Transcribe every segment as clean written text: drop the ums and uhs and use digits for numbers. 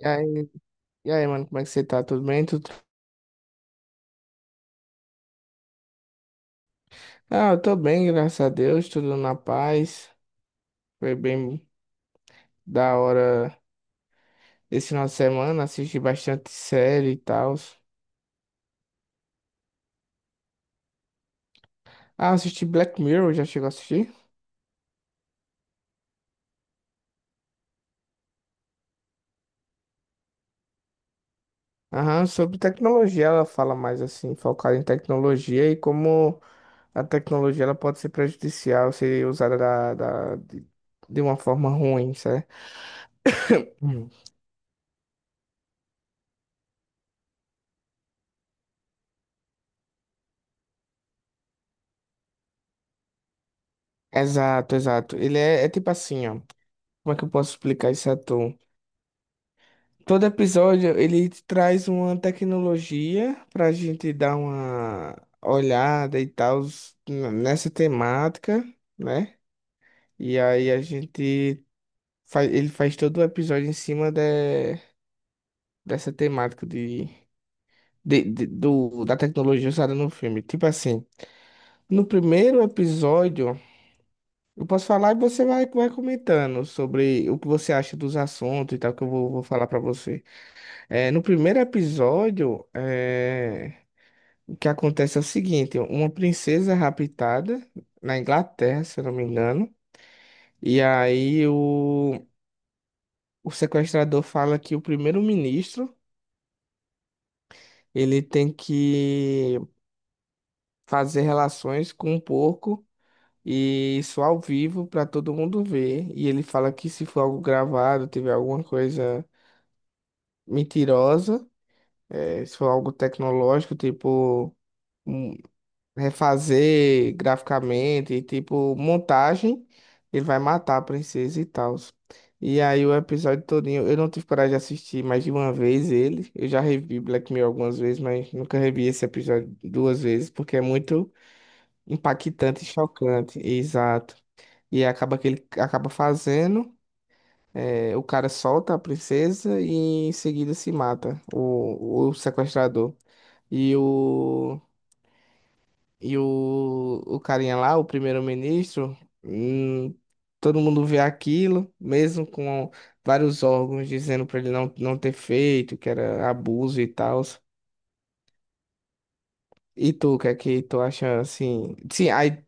E aí, e aí, mano, como é que você tá? Tudo bem? Tudo... Ah, eu tô bem, graças a Deus, tudo na paz. Foi bem da hora esse final de semana, assisti bastante série e tal. Ah, assisti Black Mirror, já chegou a assistir? Aham, sobre tecnologia, ela fala mais assim, focada em tecnologia e como a tecnologia ela pode ser prejudicial, ser usada de uma forma ruim, certo? Hum. Exato. Ele é tipo assim, ó. Como é que eu posso explicar isso a tu? Todo episódio ele traz uma tecnologia para a gente dar uma olhada e tal nessa temática, né? E aí a gente ele faz todo o episódio em cima dessa temática da tecnologia usada no filme. Tipo assim, no primeiro episódio eu posso falar e você vai comentando sobre o que você acha dos assuntos e tal que eu vou falar para você. É, no primeiro episódio, o que acontece é o seguinte, uma princesa é raptada na Inglaterra, se eu não me engano, e o sequestrador fala que o primeiro-ministro, ele tem que fazer relações com um porco e isso ao vivo para todo mundo ver, e ele fala que se for algo gravado, tiver alguma coisa mentirosa, se for algo tecnológico, tipo um refazer graficamente, e, tipo, montagem, ele vai matar a princesa e tal. E aí o episódio todinho, eu não tive coragem de assistir mais de uma vez ele. Eu já revi Black Mirror algumas vezes, mas nunca revi esse episódio duas vezes, porque é muito impactante e chocante. Exato. E acaba que ele acaba fazendo, é, o cara solta a princesa e em seguida se mata, o sequestrador. E o E o o, carinha lá, o primeiro-ministro, hum, todo mundo vê aquilo, mesmo com vários órgãos dizendo pra ele não ter feito, que era abuso e tal. E tu, o que é que tu acha assim? Sim, aí.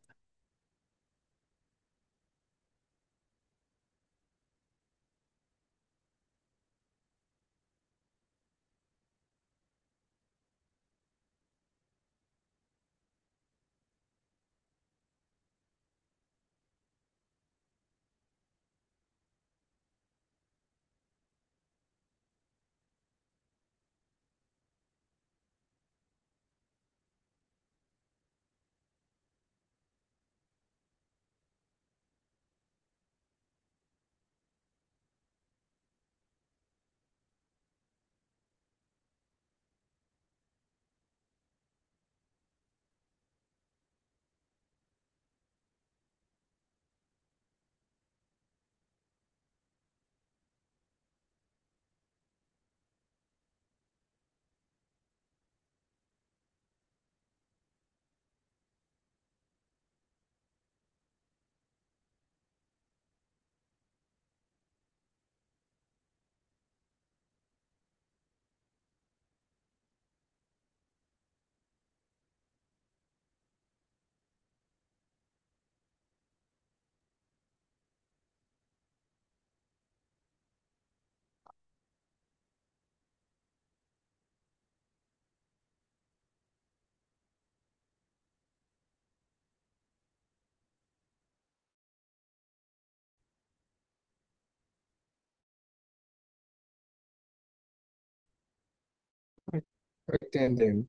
Tô entendendo.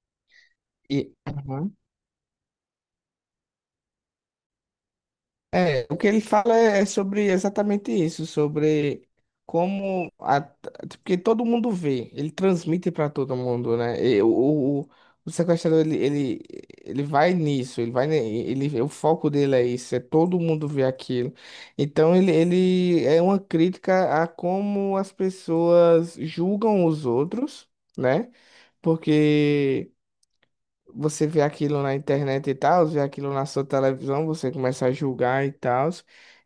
E, Aham. É, o que ele fala é sobre exatamente isso, sobre como a- porque todo mundo vê, ele transmite para todo mundo, né? E o, o sequestrador ele, ele, ele vai nisso, ele vai ne- ele o foco dele é isso, é todo mundo vê aquilo. Então ele é uma crítica a como as pessoas julgam os outros, né? Porque você vê aquilo na internet e tal, vê aquilo na sua televisão, você começa a julgar e tal.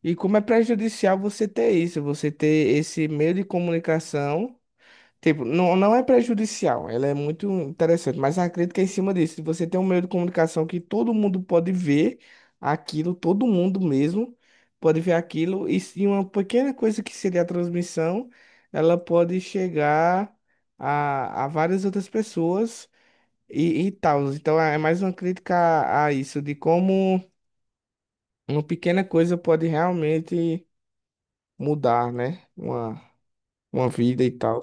E como é prejudicial você ter isso, você ter esse meio de comunicação. Tipo, não, não é prejudicial, ela é muito interessante, mas a crítica é em cima disso, se você tem um meio de comunicação que todo mundo pode ver aquilo, todo mundo mesmo pode ver aquilo, e se uma pequena coisa que seria a transmissão, ela pode chegar a várias outras pessoas e tal. Então é mais uma crítica a isso, de como uma pequena coisa pode realmente mudar, né? Uma vida e tal.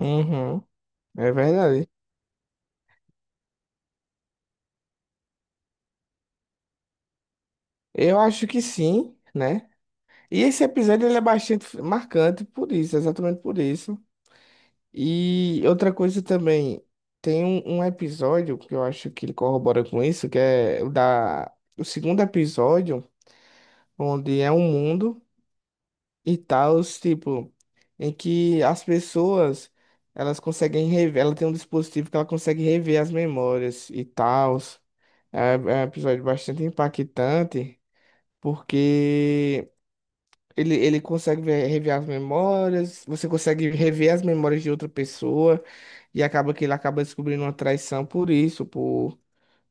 Uhum, é verdade. Eu acho que sim, né? E esse episódio ele é bastante marcante por isso, exatamente por isso. E outra coisa também, tem um episódio que eu acho que ele corrobora com isso, que é o segundo episódio, onde é um mundo. E tal, tipo, em que as pessoas elas conseguem rever, ela tem um dispositivo que ela consegue rever as memórias e tal. É, é um episódio bastante impactante, porque ele consegue rever as memórias, você consegue rever as memórias de outra pessoa, e acaba que ele acaba descobrindo uma traição por isso,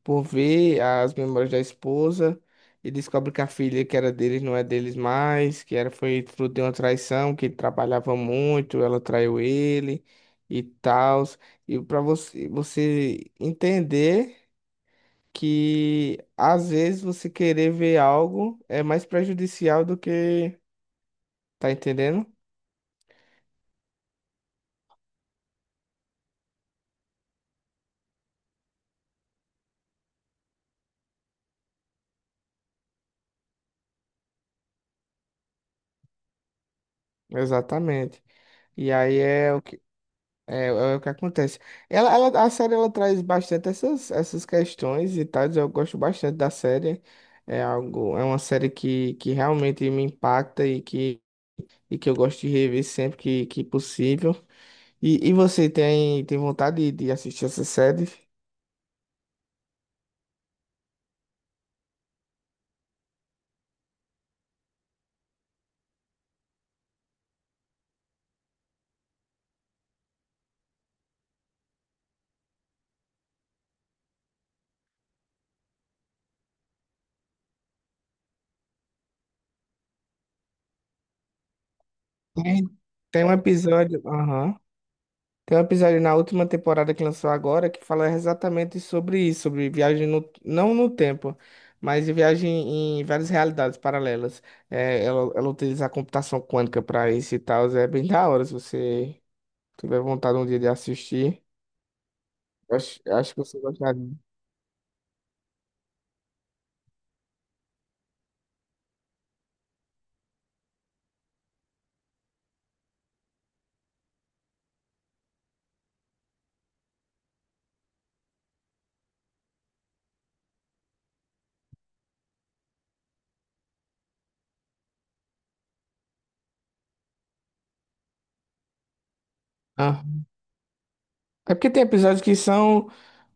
por ver as memórias da esposa e descobre que a filha que era deles não é deles mais, que era foi fruto de uma traição, que ele trabalhava muito, ela traiu ele e tal. E para você, você entender que às vezes você querer ver algo é mais prejudicial do que... Tá entendendo? Exatamente. E aí é o que... É, é o que acontece. A série ela traz bastante essas questões e tal. Eu gosto bastante da série. É algo, é uma série que realmente me impacta e que eu gosto de rever sempre que possível. E você tem, tem vontade de assistir essa série? Tem, tem um episódio. Aham. Tem um episódio na última temporada que lançou agora que fala exatamente sobre isso, sobre viagem não no tempo, mas de viagem em várias realidades paralelas. É, ela utiliza a computação quântica para isso e tal. É bem da hora se você tiver vontade um dia de assistir. Acho que você gostaria. É porque tem episódios que são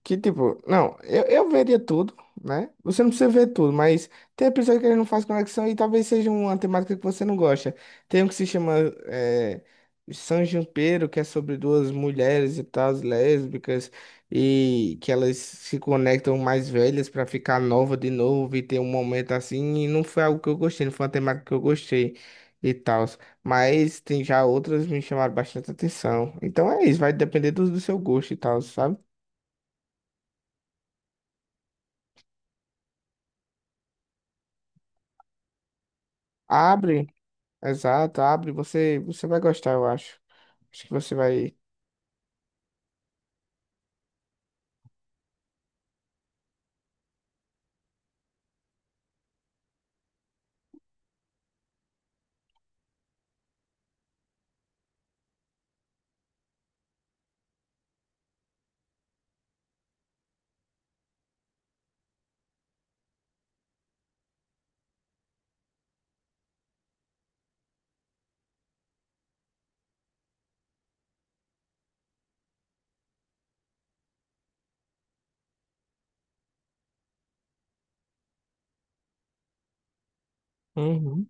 que, tipo, não, eu veria tudo, né? Você não precisa ver tudo, mas tem episódio que ele não faz conexão e talvez seja uma temática que você não gosta. Tem um que se chama é, San Junipero, que é sobre duas mulheres e tal, lésbicas, e que elas se conectam mais velhas pra ficar nova de novo e ter um momento assim, e não foi algo que eu gostei, não foi uma temática que eu gostei e tal. Mas tem já outras que me chamaram bastante atenção. Então é isso, vai depender do seu gosto e tal, sabe? Abre, exato, abre, você vai gostar, eu acho. Acho que você vai. Uhum.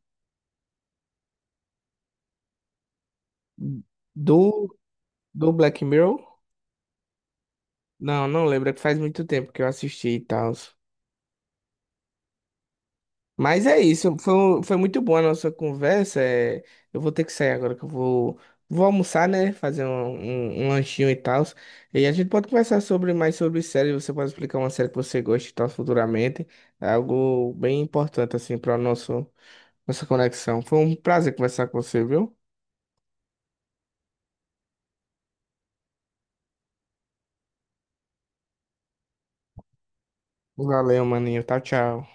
Do, do Black Mirror? Não, não lembro, é que faz muito tempo que eu assisti e tal. Mas é isso, foi muito boa a nossa conversa. Eu vou ter que sair agora, que eu vou almoçar, né? Fazer um lanchinho e tal. E a gente pode conversar sobre mais sobre série. Você pode explicar uma série que você gosta e tal futuramente. É algo bem importante, assim, para nosso nossa conexão. Foi um prazer conversar com você, viu? Valeu, maninho. Tchau, tchau.